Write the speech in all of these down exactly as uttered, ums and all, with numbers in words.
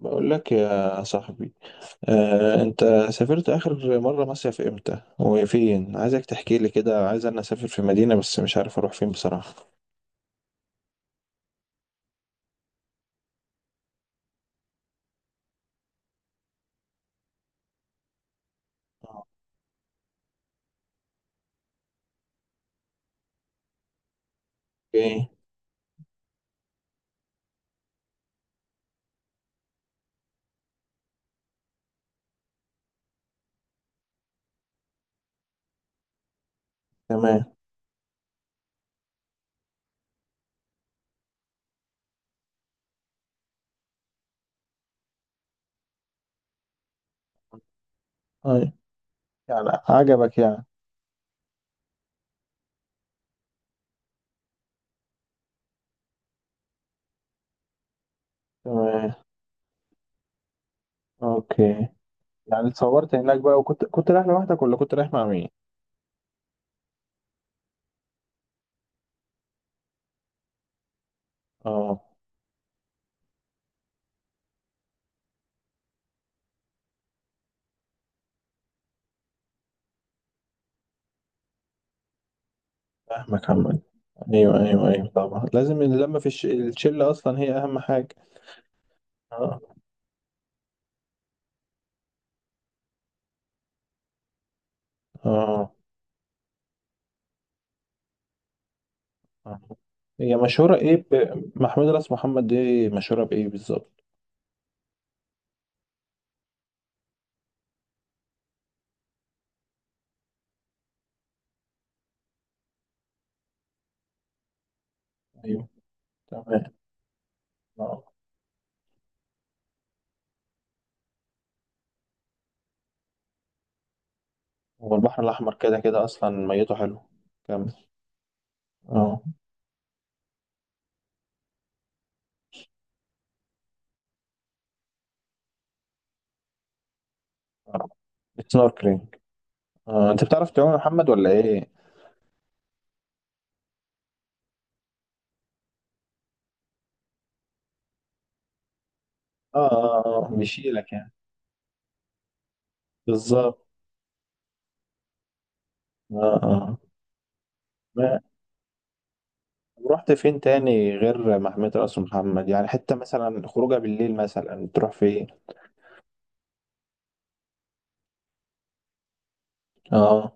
بقول لك يا صاحبي. آه، انت سافرت اخر مره مصيف امتى وفين؟ عايزك تحكي لي كده. عايز انا اسافر في مدينه بس مش عارف اروح فين بصراحه. اوكي. تمام. أي. يعني عجبك يعني؟ تمام. اوكي. يعني اتصورت هناك بقى، وكنت كنت رايح لوحدك ولا كنت رايح مع مين؟ اه. فاهمك عمال. ايوه، ايوه، ايوه، طبعا لازم اللمه في الش... الشله، اصلا هي اهم حاجه. اه، اه، آه. هي مشهورة ايه ب... محمود راس محمد دي مشهورة بايه بالظبط؟ ايوه، تمام. اه. هو البحر الاحمر كده كده اصلا ميته حلو. كمل. اه، سنوركلينج. اه انت بتعرف تعوم يا محمد ولا ايه؟ اه، اه، آه، بيشيلك يعني. بالظبط. اه، اه. ما رحت فين تاني غير محمود راس محمد؟ يعني حتة مثلا خروجه بالليل مثلا تروح فين؟ اه،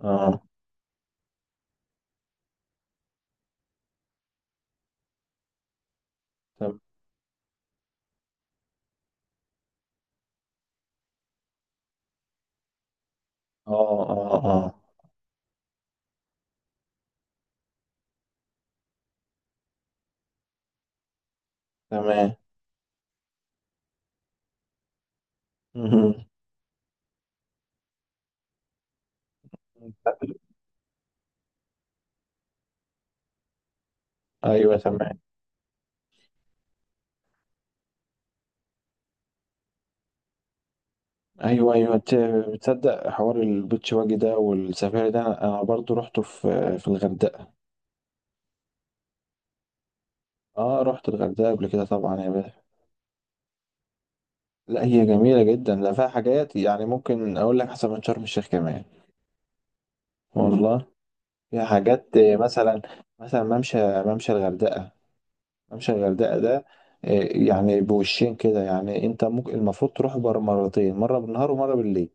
اه، تم- اه، اه، اه، تمام. مهم. ايوه، تمام. ايوه، ايوه، ت- تصدق حوار البيتش واجي ده والسفاري ده انا برضو رحته في في الغردقه. اه رحت الغردقه قبل كده طبعا يا باشا. لا هي جميله جدا، لا فيها حاجات يعني ممكن اقول لك احسن من شرم الشيخ كمان. والله فيها حاجات، آه، مثلا. مثلا ممشى ممشى الغردقه. ممشى الغردقه ده، آه، يعني بوشين كده. يعني انت ممكن المفروض تروح بر مرتين، مره بالنهار ومره بالليل.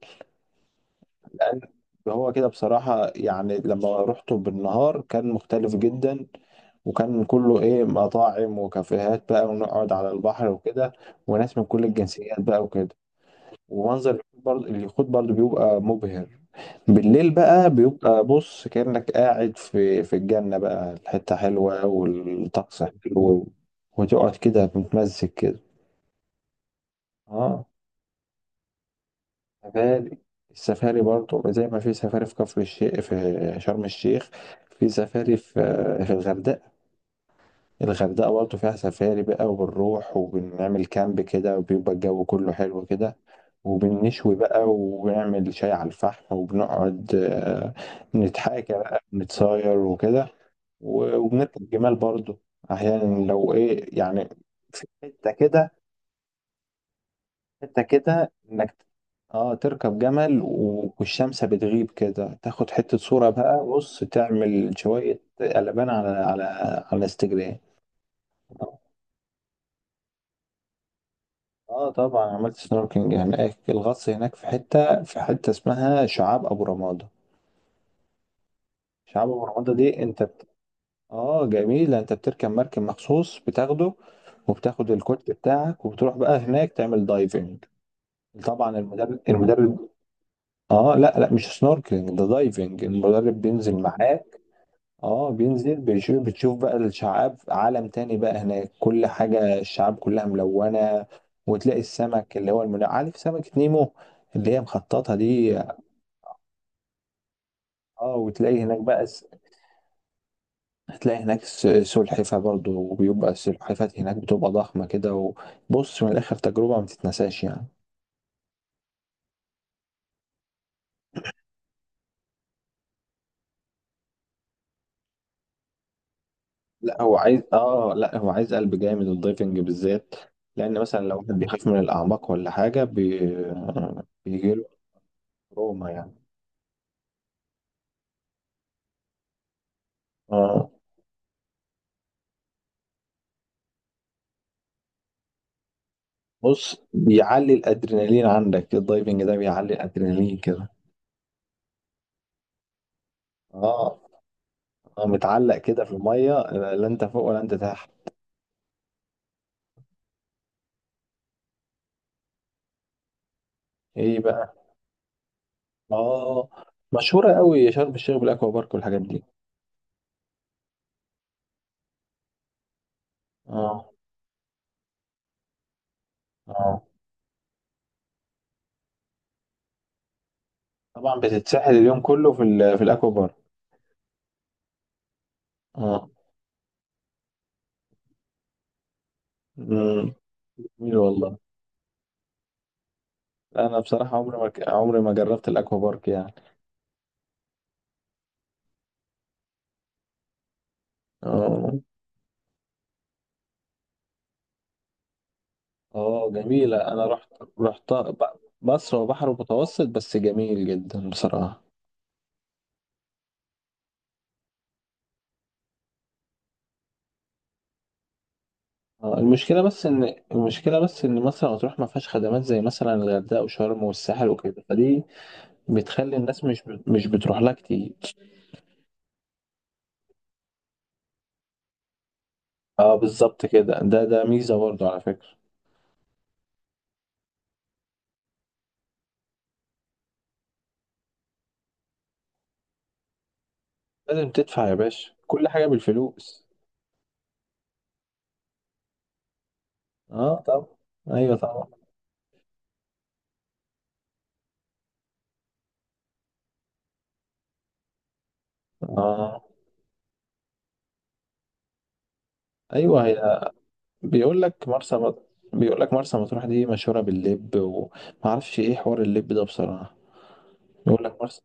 لان هو كده بصراحه، يعني لما رحته بالنهار كان مختلف جدا. وكان كله ايه، مطاعم وكافيهات بقى، ونقعد على البحر وكده. وناس من كل الجنسيات بقى وكده. ومنظر اليخوت برضه اليخوت برضه بيبقى مبهر. بالليل بقى بيبقى، بص كأنك قاعد في في الجنة بقى، الحتة حلوة والطقس حلو. وتقعد كده متمزج كده. اه. سفاري. السفاري برضه زي ما في سفاري في كفر الشيخ في شرم الشيخ. في سفاري في في الغردقة. الغردقة برضه فيها سفاري بقى، وبنروح وبنعمل كامب كده، وبيبقى الجو كله حلو كده. وبنشوي بقى، وبنعمل شاي على الفحم، وبنقعد آه، نتحاكى بقى، نتصاير وكده. و- وبنركب جمال برضه أحيانا لو إيه يعني. في حتة كده. حتة كده إنك اه تركب جمل، و- والشمس بتغيب كده، تاخد حتة صورة بقى، بص تعمل شوية قلبان على على على انستجرام. اه طبعا، عملت سنوركينج هناك، الغطس هناك في حته في حته اسمها شعاب ابو رمادة. شعاب ابو رمادة دي انت بت... اه جميله. انت بتركب مركب مخصوص بتاخده، وبتاخد الكوت بتاعك وبتروح بقى هناك تعمل دايفنج. طبعا المدرب المدرب. اه، لا لا، مش سنوركلينج ده دايفنج. المدرب بينزل معاك. اه بينزل، بيشوف بتشوف بقى الشعاب، عالم تاني بقى هناك، كل حاجة الشعاب كلها ملونة. وتلاقي السمك اللي هو المل... عارف سمكة نيمو اللي هي مخططة دي؟ اه. وتلاقي هناك بقى س... هتلاقي هناك س- سلحفة برضو. وبيبقى السلحفات هناك بتبقى ضخمة كده. وبص من الآخر تجربة ما تتنساش يعني. لا هو عايز اه لا هو عايز قلب جامد الدايفنج بالذات. لأن مثلا لو واحد بيخاف من الأعماق ولا حاجة بي... بيجيله تروما يعني. اه بص، بيعلي الادرينالين عندك إيه الدايفنج ده، بيعلي الادرينالين كده. اه، اه متعلق كده في الميه، لا لا، انت فوق ولا انت تحت؟ ايه بقى؟ اه مشهوره قوي شرم الشيخ بالاكوا بارك والحاجات دي. اه، اه طبعا بتتسحل اليوم كله في ال- في الاكوا بارك. اه. امم جميل والله. انا بصراحه عمري ما ك- عمري ما جربت الاكوا بارك يعني. اه، اه جميله. انا رحت، رحت مصر وبحر متوسط بس جميل جدا بصراحه. آه، المشكلة بس إن المشكلة بس إن مرسى مطروح ما فيهاش خدمات زي مثلا الغردقة وشرم والساحل وكده، فدي بتخلي الناس مش بت- مش بتروح لها كتير. اه بالظبط كده، ده ده ميزة برضه على فكرة. لازم تدفع يا باشا كل حاجة بالفلوس. اه طبعا. ايوه طبعا. اه ايوه هي. بيقول لك مرسى مط... بيقول لك مرسى مطروح دي مشهورة باللب، وما اعرفش ايه حوار اللب ده بصراحة. بيقول لك مرسى.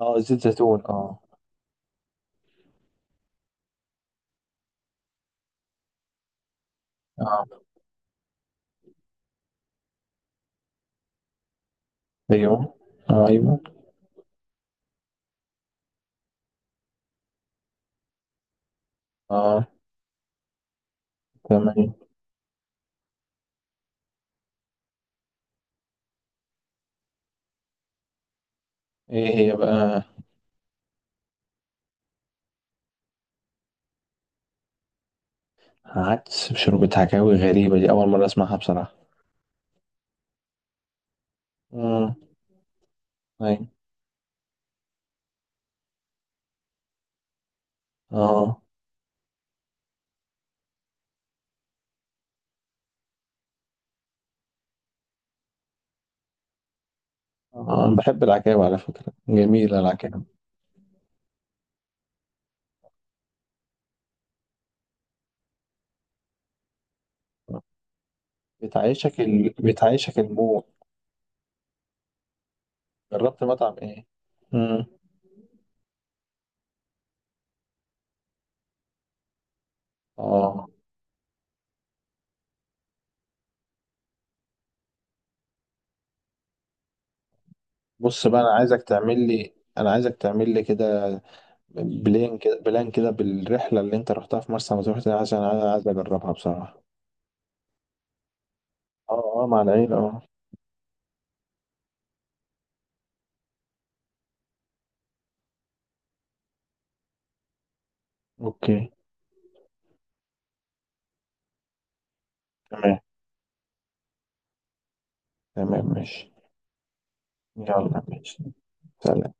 اه، زيت زيتون اه. اه، ايوه، آه، ايوه. اه، تمام. ايه هي بقى؟ عدس بشوربة عكاوي؟ غريبة دي، أول مرة أسمعها بصراحة. امم. أيوة. اه، آه، أنا بحب العكاوي على فكرة، جميلة العكاوي. بتعيشك ال... بتعيشك المود. جربت مطعم ايه؟ امم. اه بص بقى، أنا عايزك تعمل لي أنا عايزك تعمل لي كده، بلان كده، بلان كده، بالرحلة اللي أنت رحتها في مرسى مطروح دي، عشان أنا عايز أجربها بصراحة. اه، اه مع العيلة اه. أوكي. تمام. تمام ماشي. يلا ماشي. سلام.